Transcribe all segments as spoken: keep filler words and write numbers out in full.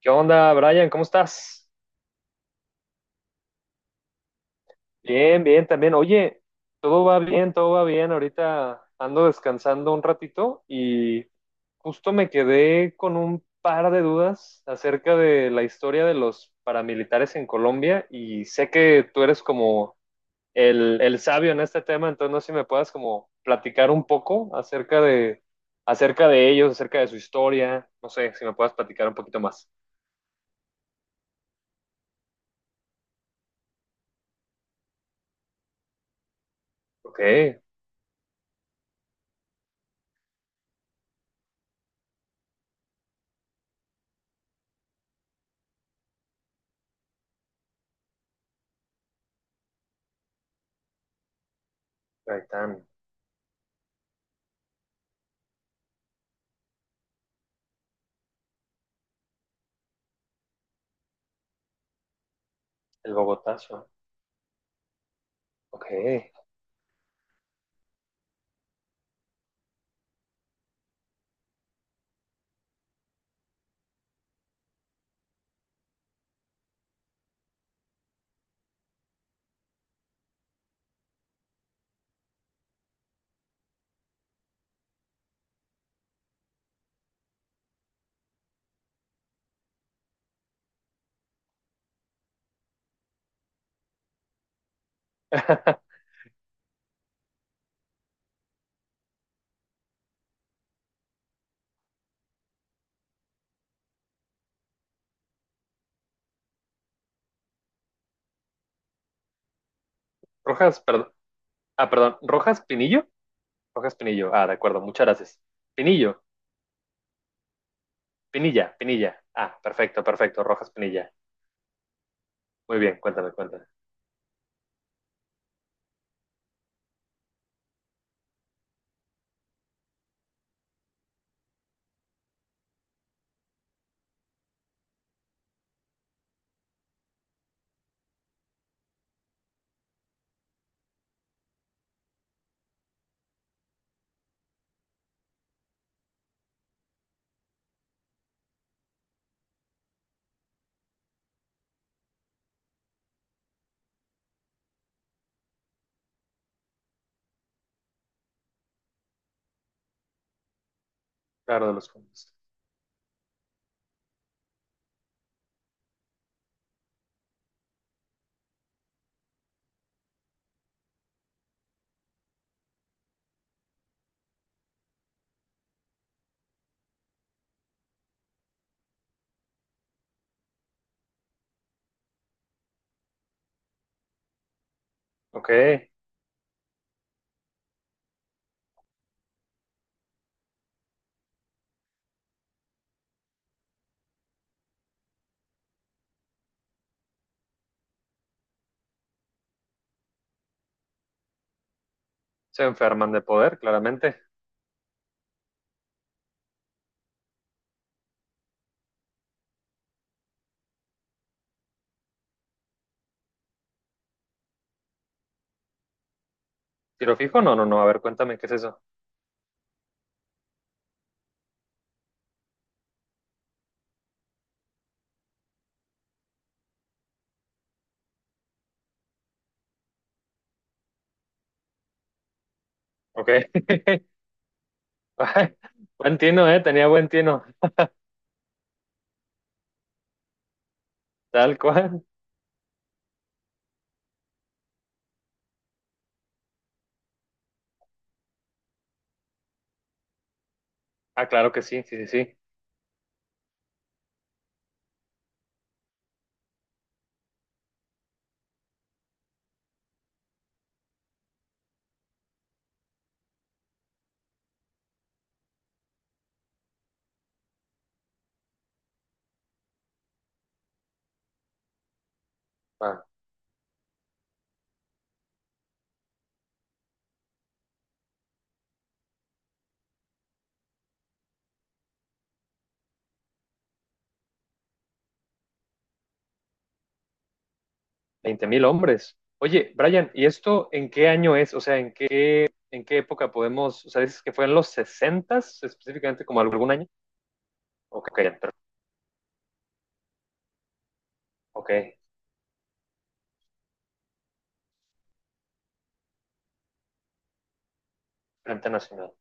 ¿Qué onda, Brian? ¿Cómo estás? Bien, bien, también. Oye, todo va bien, todo va bien. Ahorita ando descansando un ratito y justo me quedé con un par de dudas acerca de la historia de los paramilitares en Colombia, y sé que tú eres como el, el sabio en este tema. Entonces no sé si me puedas como platicar un poco acerca de, acerca de ellos, acerca de su historia. No sé si me puedas platicar un poquito más. Ok, ahí están, el Bogotazo. Ok. Rojas, perdón. Ah, perdón. Rojas Pinillo. Rojas Pinillo. Ah, de acuerdo. Muchas gracias. Pinillo. Pinilla. Pinilla. Ah, perfecto, perfecto. Rojas Pinilla. Muy bien. Cuéntame, cuéntame. Claro, de los fondos. Ok. Se enferman de poder, claramente. ¿Tiro fijo? No, no, no. A ver, cuéntame, ¿qué es eso? Ok. Ay, buen tino, ¿eh? Tenía buen tino. Tal cual. Ah, claro que sí, sí, sí, sí. Ah, veinte mil hombres. Oye, Brian, ¿y esto en qué año es? O sea, ¿en qué en qué época podemos, o sea, dices que fue en los sesentas específicamente, como algún año. Ok, pero- ok, Frente Nacional,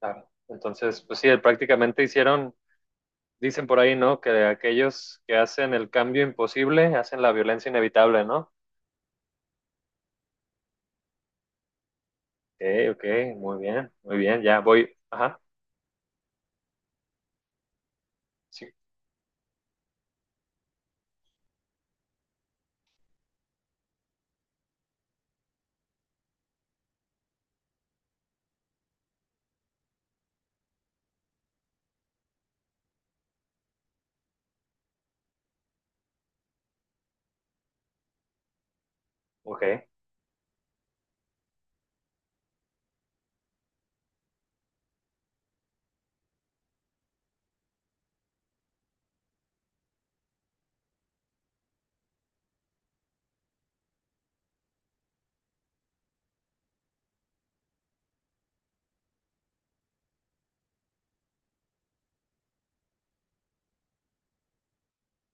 claro. Entonces, pues sí, prácticamente hicieron, dicen por ahí, ¿no?, que aquellos que hacen el cambio imposible hacen la violencia inevitable, ¿no? Ok, ok, muy bien, muy bien, ya voy. Ajá, sí, ok,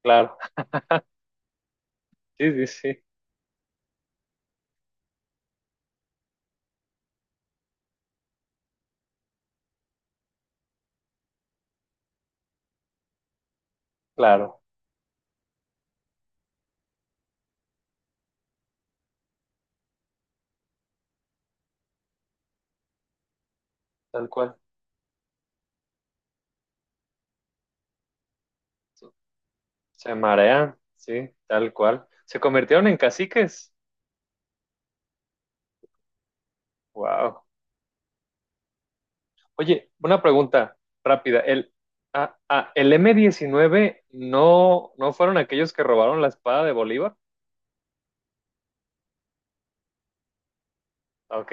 claro. Sí, sí, sí, claro, tal cual. Se marean, sí, tal cual. Se convirtieron en caciques. Wow. Oye, una pregunta rápida. El, ah, ah, el m diecinueve, no, no fueron aquellos que robaron la espada de Bolívar. Ok,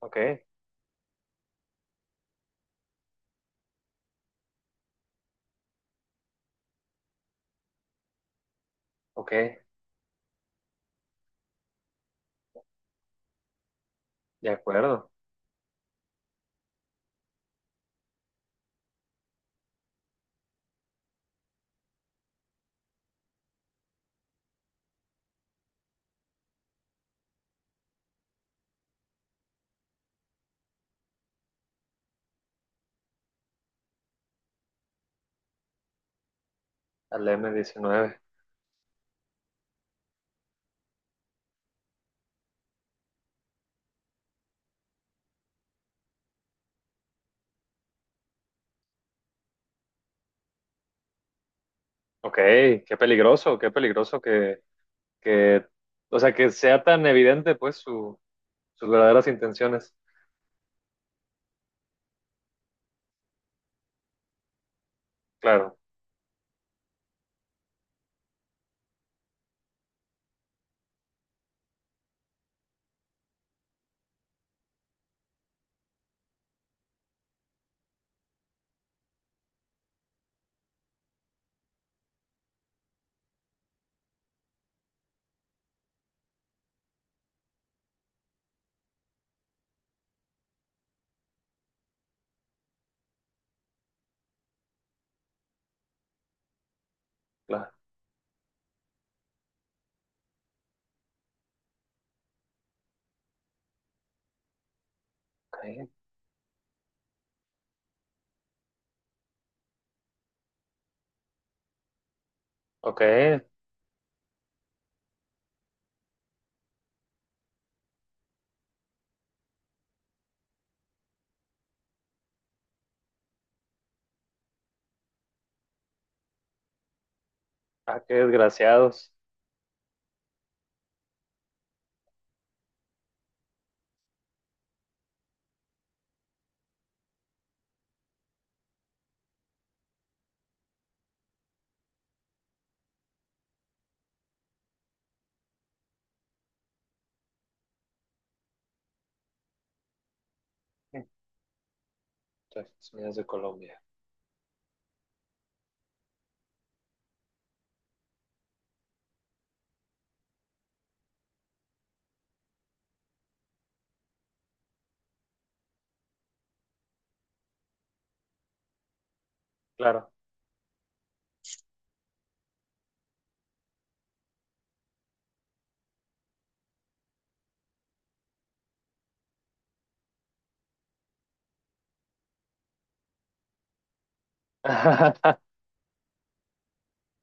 ok, ok, de acuerdo. Al m diecinueve. Ok, qué peligroso, qué peligroso que, que, o sea, que sea tan evidente pues su, sus verdaderas intenciones. Claro, claro. Ok, ok. Ah, qué desgraciados. Estados Unidos de Colombia. Claro.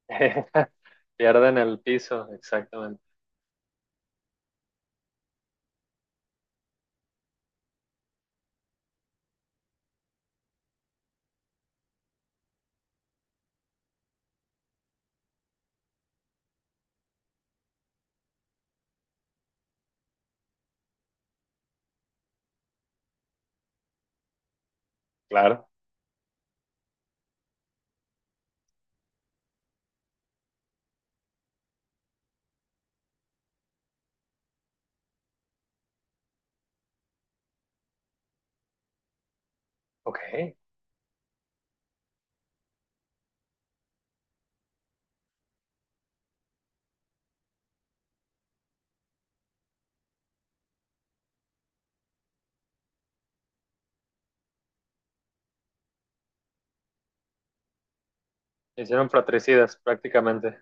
Pierden el piso, exactamente. Claro, ok. Hicieron fratricidas prácticamente.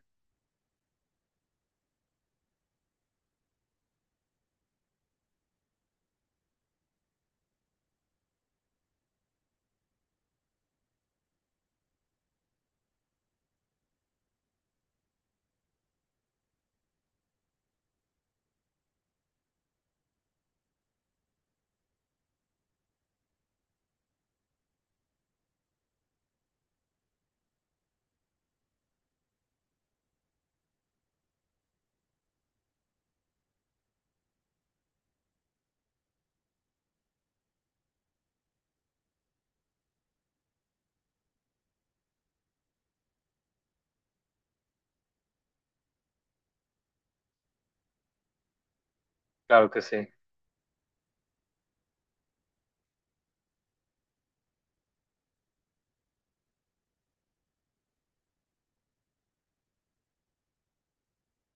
Claro que sí.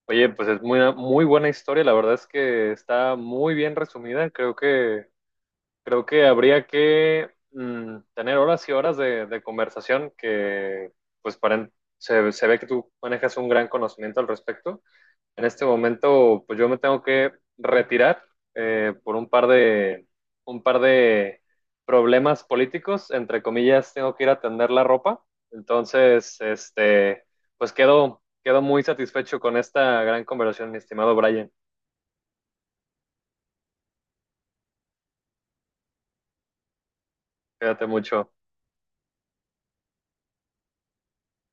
Oye, pues es muy, muy buena historia. La verdad es que está muy bien resumida. Creo que, creo que habría que mm, tener horas y horas de, de conversación que, pues, para, se, se ve que tú manejas un gran conocimiento al respecto. En este momento, pues yo me tengo que retirar eh, por un par de, un par de problemas políticos, entre comillas. Tengo que ir a tender la ropa. Entonces, este, pues quedo, quedo muy satisfecho con esta gran conversación, mi estimado Brian. Quédate mucho.